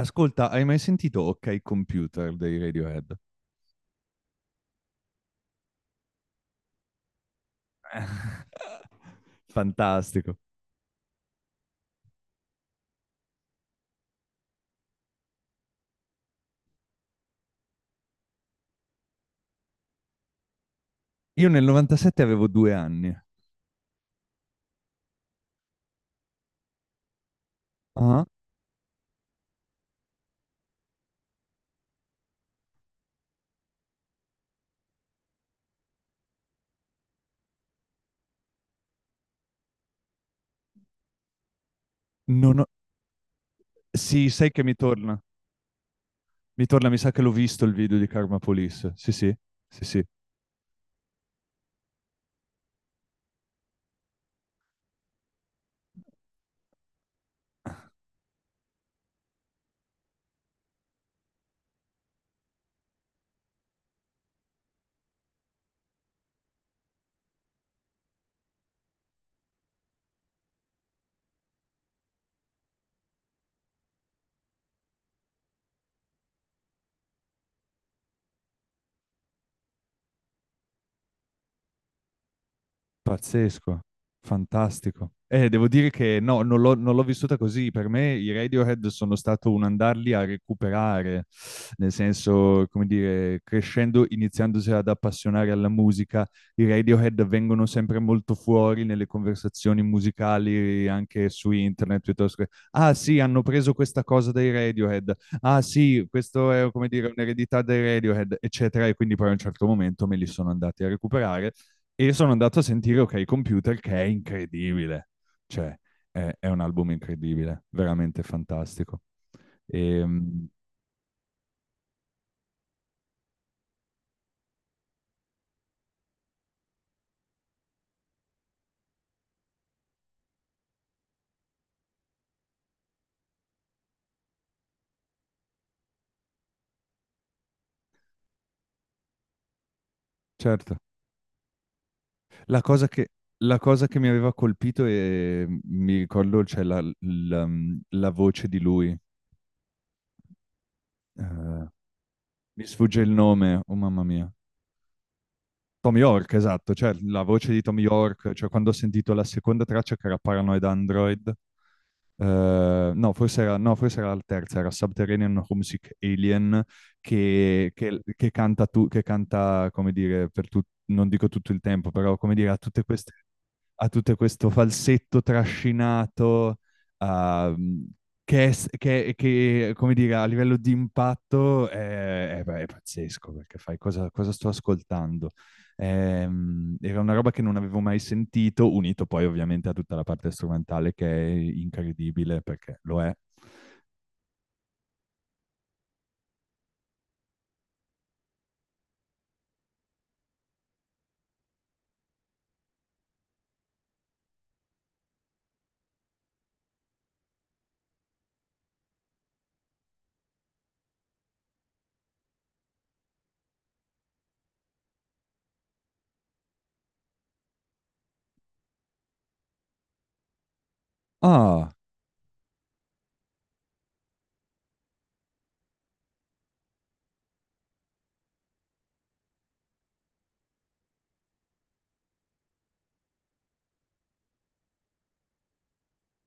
Ascolta, hai mai sentito OK Computer dei Radiohead? Fantastico. Io nel 97 avevo due anni. Ah? Non ho- Sì, sai che mi torna. Mi torna, mi sa che l'ho visto il video di Karma Police. Sì, sì, sì, sì. Pazzesco, fantastico. Devo dire che no, non l'ho vissuta così. Per me i Radiohead sono stato un andarli a recuperare, nel senso, come dire, crescendo, iniziandosi ad appassionare alla musica, i Radiohead vengono sempre molto fuori nelle conversazioni musicali, anche su internet, piuttosto che, ah sì, hanno preso questa cosa dai Radiohead, ah sì, questo è, come dire, un'eredità dai Radiohead, eccetera. E quindi poi a un certo momento me li sono andati a recuperare e sono andato a sentire Ok Computer che è incredibile, cioè è un album incredibile, veramente fantastico. E, certo, la cosa che, la cosa che mi aveva colpito e mi ricordo la voce di lui, eh, mi sfugge il nome, oh mamma mia, Tom York, esatto, cioè la voce di Tom York, cioè quando ho sentito la seconda traccia che era Paranoid Android, no, forse era la terza, era Subterranean Homesick Alien, che canta, che canta, come dire, non dico tutto il tempo, però come dire, ha tutte queste a tutto questo falsetto trascinato, ehm, che, è s- che, come dire, a livello di impatto è pazzesco, perché fai cosa, cosa sto ascoltando? Era una roba che non avevo mai sentito, unito poi ovviamente a tutta la parte strumentale che è incredibile, perché lo è. Ah,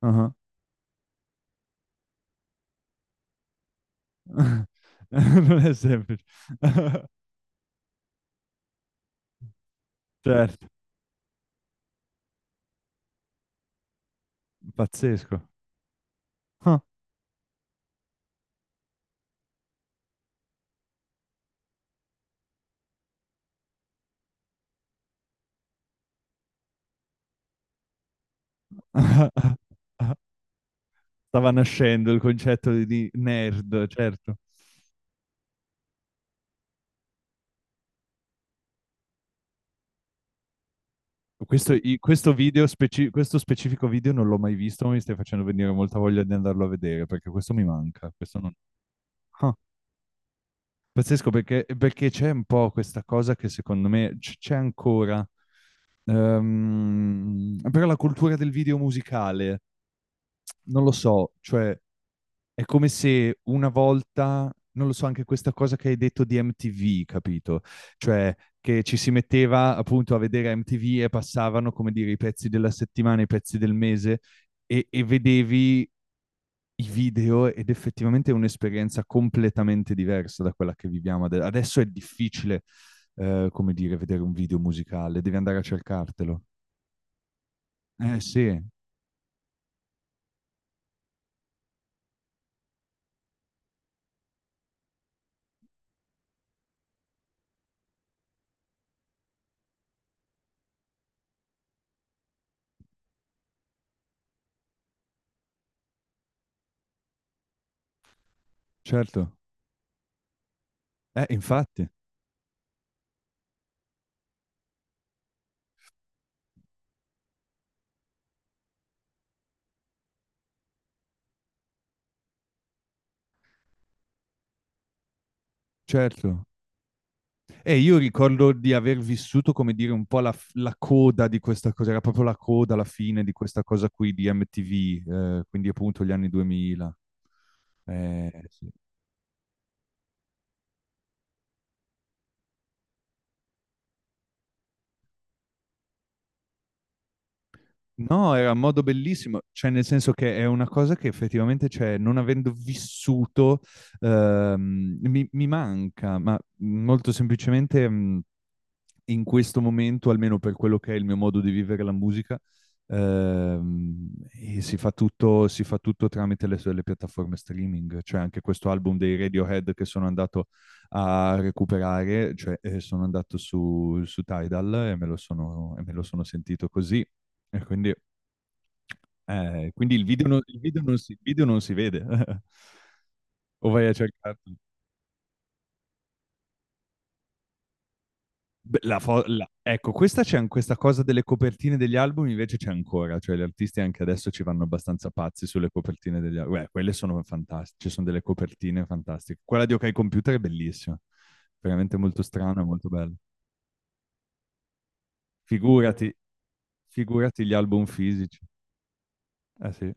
ah, ah. Non è semplice. Certo, pazzesco. Ah. Ah, ah. Stava nascendo il concetto di nerd, certo. Questo questo specifico video non l'ho mai visto, ma mi stai facendo venire molta voglia di andarlo a vedere, perché questo mi manca. Questo non... Ah, pazzesco, perché, perché c'è un po' questa cosa che secondo me c'è ancora. Però la cultura del video musicale, non lo so, cioè è come se una volta, non lo so, anche questa cosa che hai detto di MTV, capito? Cioè che ci si metteva appunto a vedere MTV e passavano, come dire, i pezzi della settimana, i pezzi del mese e vedevi i video ed effettivamente è un'esperienza completamente diversa da quella che viviamo adesso. È difficile, come dire, vedere un video musicale, devi andare a cercartelo. Eh sì, certo. Infatti, certo. E io ricordo di aver vissuto, come dire, un po' la coda di questa cosa, era proprio la coda, la fine di questa cosa qui di MTV, quindi appunto gli anni 2000. Sì. No, era un modo bellissimo, cioè nel senso che è una cosa che effettivamente, cioè, non avendo vissuto, mi manca, ma molto semplicemente... in questo momento, almeno per quello che è il mio modo di vivere la musica, e si fa tutto tramite le piattaforme streaming, cioè anche questo album dei Radiohead che sono andato a recuperare, cioè sono andato su, su Tidal e me lo sono, e me lo sono sentito così, e quindi, quindi il video non si vede, o vai a cercarlo. Beh, Ecco, questa cosa delle copertine degli album invece c'è ancora, cioè gli artisti anche adesso ci vanno abbastanza pazzi sulle copertine degli album. Beh, quelle sono fantastiche, ci sono delle copertine fantastiche. Quella di OK Computer è bellissima, veramente molto strana, e molto bella. Figurati, figurati gli album fisici. Eh sì,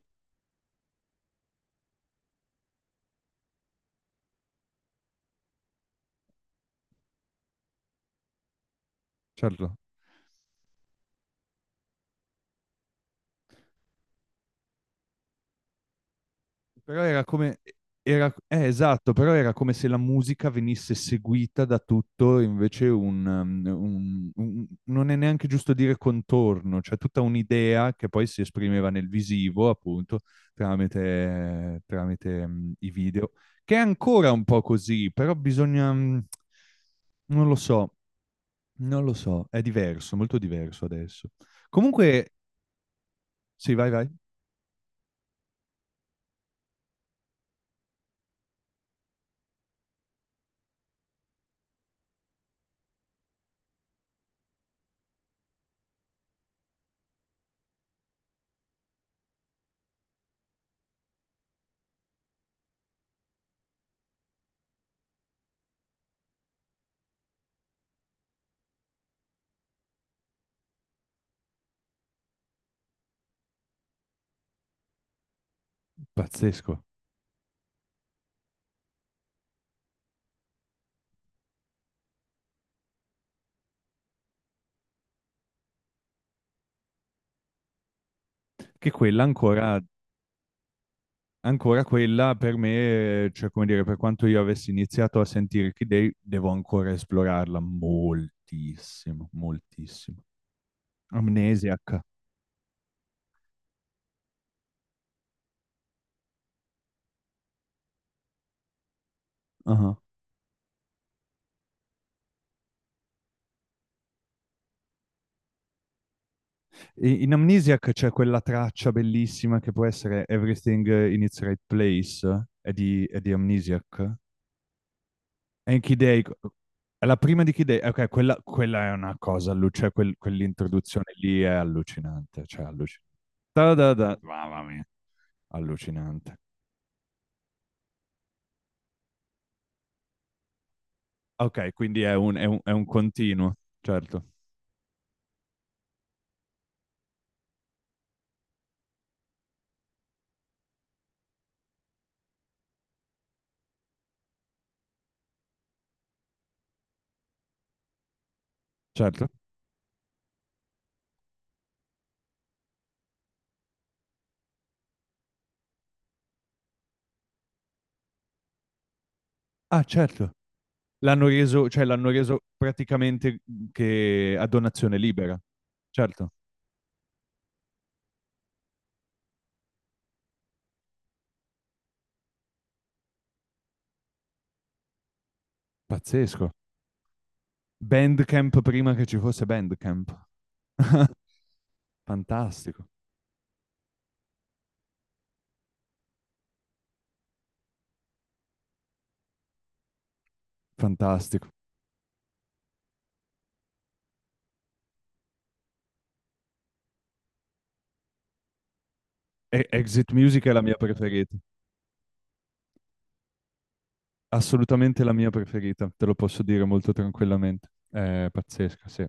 certo. Però era come... esatto, però era come se la musica venisse seguita da tutto, invece un, um, un- non è neanche giusto dire contorno, cioè tutta un'idea che poi si esprimeva nel visivo, appunto, tramite i video, che è ancora un po' così, però bisogna, non lo so, non lo so, è diverso, molto diverso adesso. Comunque, sì, vai, vai, pazzesco, che quella ancora ancora quella per me, cioè come dire, per quanto io avessi iniziato a sentire Kid Day, devo ancora esplorarla moltissimo, moltissimo. Amnesiac. Ah. In Amnesiac c'è quella traccia bellissima che può essere Everything in its right place, è di Amnesiac. E in Kid Day, è la prima di Kid Day, ok, quella è una cosa, quell'introduzione lì è allucinante, cioè allucinante. Mamma mia, allucinante. Ok, quindi è è un continuo, certo, certo. Ah, certo. L'hanno reso, cioè l'hanno reso praticamente che a donazione libera. Certo, pazzesco. Bandcamp prima che ci fosse Bandcamp. Fantastico, fantastico. Exit Music è la mia preferita, assolutamente la mia preferita, te lo posso dire molto tranquillamente. È pazzesca, sì.